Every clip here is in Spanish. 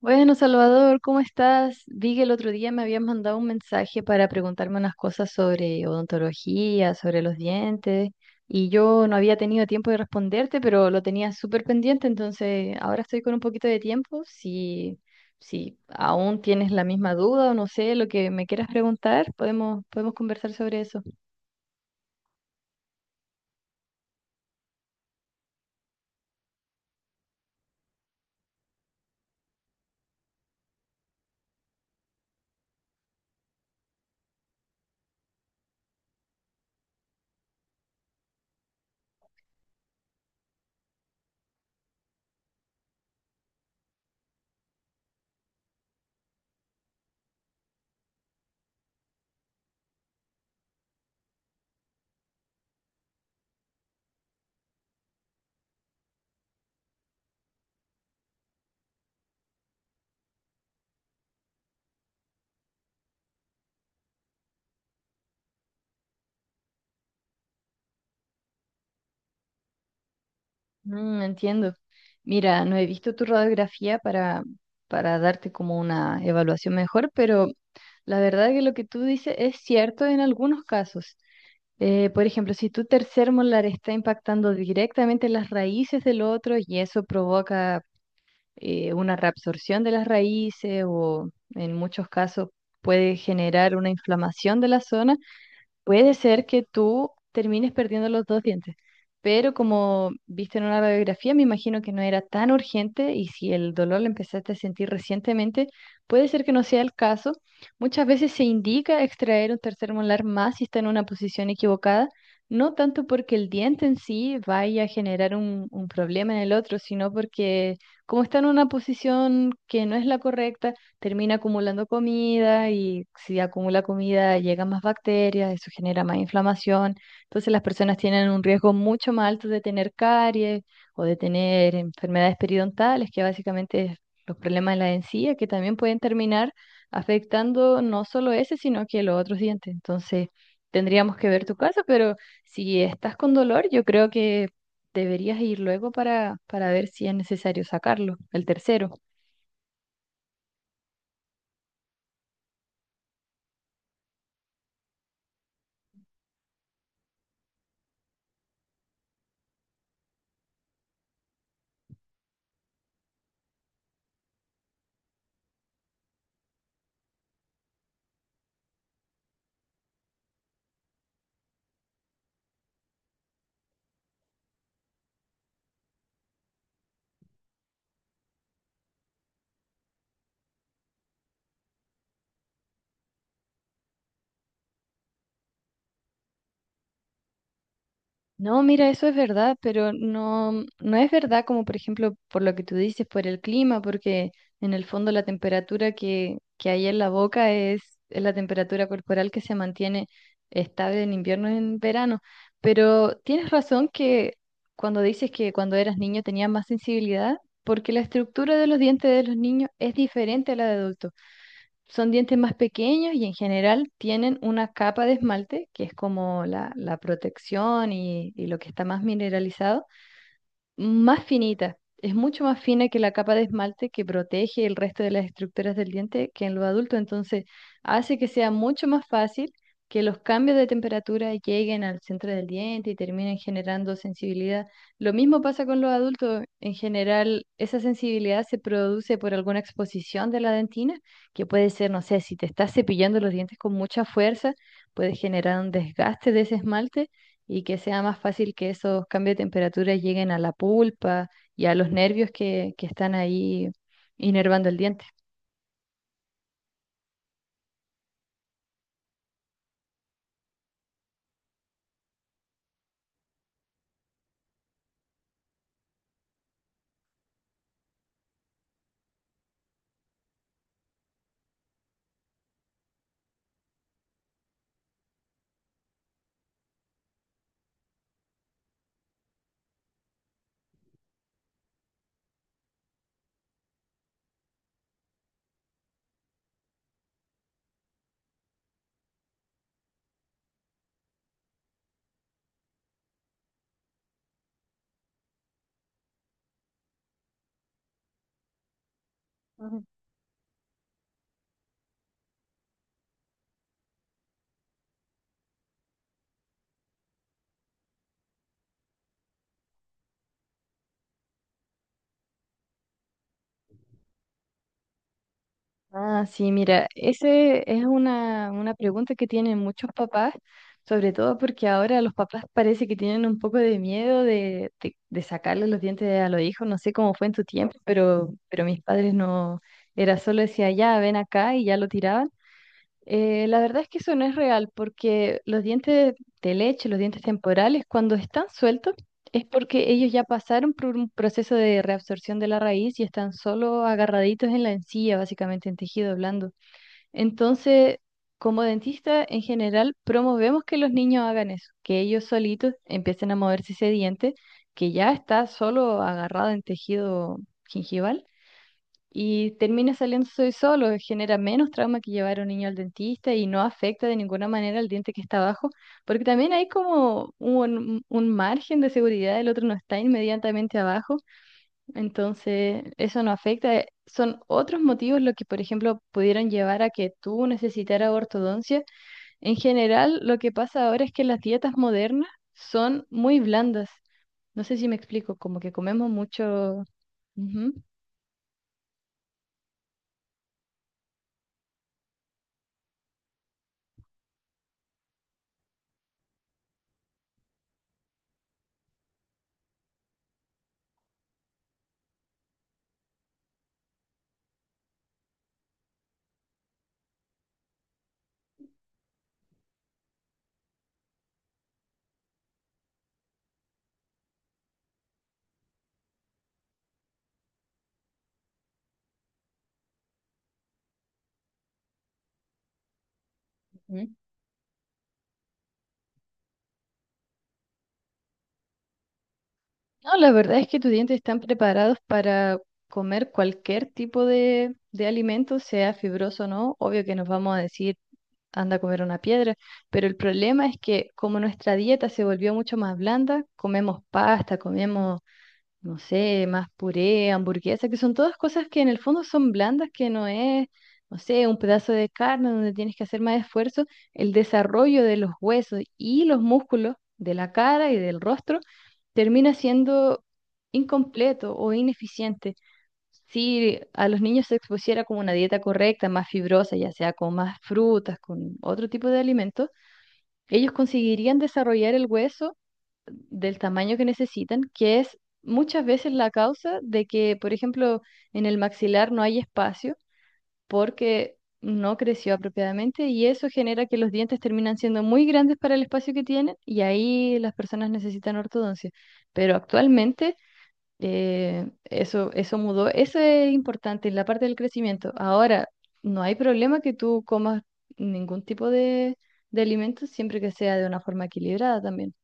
Bueno, Salvador, ¿cómo estás? Vi que el otro día me habías mandado un mensaje para preguntarme unas cosas sobre odontología, sobre los dientes, y yo no había tenido tiempo de responderte, pero lo tenía súper pendiente, entonces ahora estoy con un poquito de tiempo. Si, si aún tienes la misma duda o no sé lo que me quieras preguntar, podemos conversar sobre eso. Mm, entiendo. Mira, no he visto tu radiografía para darte como una evaluación mejor, pero... La verdad que lo que tú dices es cierto en algunos casos. Por ejemplo, si tu tercer molar está impactando directamente las raíces del otro y eso provoca una reabsorción de las raíces o en muchos casos puede generar una inflamación de la zona. Puede ser que tú termines perdiendo los dos dientes, pero como viste en una radiografía, me imagino que no era tan urgente, y si el dolor lo empezaste a sentir recientemente, puede ser que no sea el caso. Muchas veces se indica extraer un tercer molar más si está en una posición equivocada, no tanto porque el diente en sí vaya a generar un problema en el otro, sino porque como está en una posición que no es la correcta, termina acumulando comida, y si acumula comida llegan más bacterias, eso genera más inflamación. Entonces las personas tienen un riesgo mucho más alto de tener caries o de tener enfermedades periodontales, que básicamente es los problemas de la encía, que también pueden terminar afectando no solo ese, sino que los otros dientes. Entonces tendríamos que ver tu caso, pero si estás con dolor, yo creo que deberías ir luego para ver si es necesario sacarlo, el tercero. No, mira, eso es verdad, pero no, no es verdad como por ejemplo por lo que tú dices, por el clima, porque en el fondo la temperatura que hay en la boca es la temperatura corporal que se mantiene estable en invierno y en verano. Pero tienes razón que cuando dices que cuando eras niño tenías más sensibilidad, porque la estructura de los dientes de los niños es diferente a la de adultos. Son dientes más pequeños y en general tienen una capa de esmalte, que es como la protección y lo que está más mineralizado más finita. Es mucho más fina que la capa de esmalte que protege el resto de las estructuras del diente que en los adultos. Entonces, hace que sea mucho más fácil que los cambios de temperatura lleguen al centro del diente y terminen generando sensibilidad. Lo mismo pasa con los adultos. En general, esa sensibilidad se produce por alguna exposición de la dentina, que puede ser, no sé, si te estás cepillando los dientes con mucha fuerza, puede generar un desgaste de ese esmalte, y que sea más fácil que esos cambios de temperatura lleguen a la pulpa y a los nervios que están ahí inervando el diente. Ujú. Ah, sí, mira, ese es una pregunta que tienen muchos papás, sobre todo porque ahora los papás parece que tienen un poco de miedo de sacarle los dientes a los hijos. No sé cómo fue en tu tiempo, pero mis padres no, era solo decía, ya, ven acá y ya lo tiraban. La verdad es que eso no es real porque los dientes de leche, los dientes temporales, cuando están sueltos, es porque ellos ya pasaron por un proceso de reabsorción de la raíz y están solo agarraditos en la encía, básicamente en tejido blando. Entonces, como dentista, en general, promovemos que los niños hagan eso, que ellos solitos empiecen a moverse ese diente que ya está solo agarrado en tejido gingival, y termina saliéndose solo, genera menos trauma que llevar a un niño al dentista y no afecta de ninguna manera al diente que está abajo, porque también hay como un margen de seguridad, el otro no está inmediatamente abajo, entonces eso no afecta. Son otros motivos lo que, por ejemplo, pudieron llevar a que tú necesitaras ortodoncia. En general, lo que pasa ahora es que las dietas modernas son muy blandas. No sé si me explico, como que comemos mucho. Ujú. No, la verdad es que tus dientes están preparados para comer cualquier tipo de alimento, sea fibroso o no. Obvio que nos vamos a decir, anda a comer una piedra, pero el problema es que como nuestra dieta se volvió mucho más blanda, comemos pasta, comemos no sé, más puré, hamburguesa, que son todas cosas que en el fondo son blandas, que no es, no sé, un pedazo de carne donde tienes que hacer más esfuerzo, el desarrollo de los huesos y los músculos de la cara y del rostro termina siendo incompleto o ineficiente. Si a los niños se expusiera como una dieta correcta, más fibrosa, ya sea con más frutas, con otro tipo de alimentos, ellos conseguirían desarrollar el hueso del tamaño que necesitan, que es muchas veces la causa de que, por ejemplo, en el maxilar no hay espacio porque no creció apropiadamente, y eso genera que los dientes terminan siendo muy grandes para el espacio que tienen y ahí las personas necesitan ortodoncia. Pero actualmente eso mudó, eso es importante en la parte del crecimiento. Ahora, no hay problema que tú comas ningún tipo de alimento siempre que sea de una forma equilibrada también.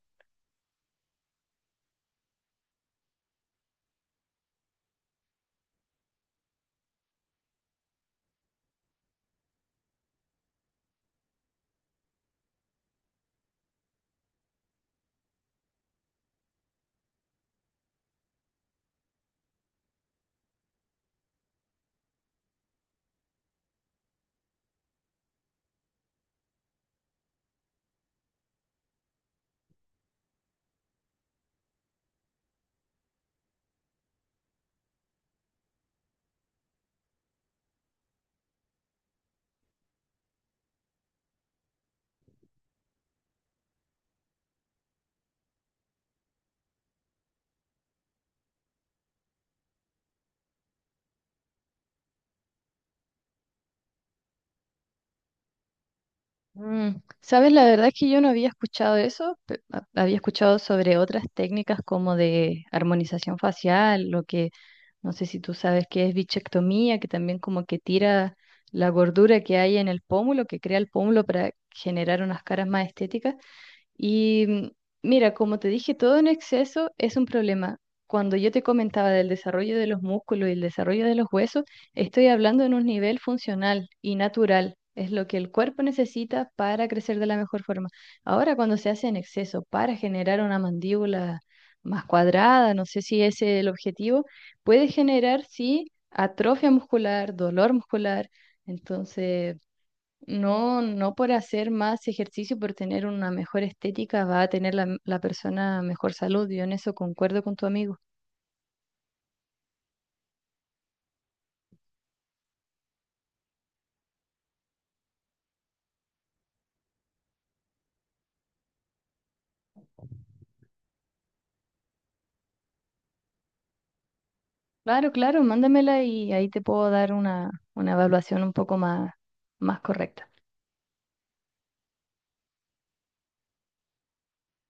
Mm, sabes, la verdad es que yo no había escuchado eso, había escuchado sobre otras técnicas como de armonización facial, lo que no sé si tú sabes que es bichectomía, que también como que tira la gordura que hay en el pómulo, que crea el pómulo para generar unas caras más estéticas, y mira, como te dije, todo en exceso es un problema. Cuando yo te comentaba del desarrollo de los músculos y el desarrollo de los huesos, estoy hablando en un nivel funcional y natural. Es lo que el cuerpo necesita para crecer de la mejor forma. Ahora, cuando se hace en exceso para generar una mandíbula más cuadrada, no sé si ese es el objetivo, puede generar, sí, atrofia muscular, dolor muscular. Entonces... No, no por hacer más ejercicio, por tener una mejor estética, va a tener la persona mejor salud. Yo en eso concuerdo con tu amigo. Claro, claro, mándamela y ahí te puedo dar una evaluación un poco más, más correcta.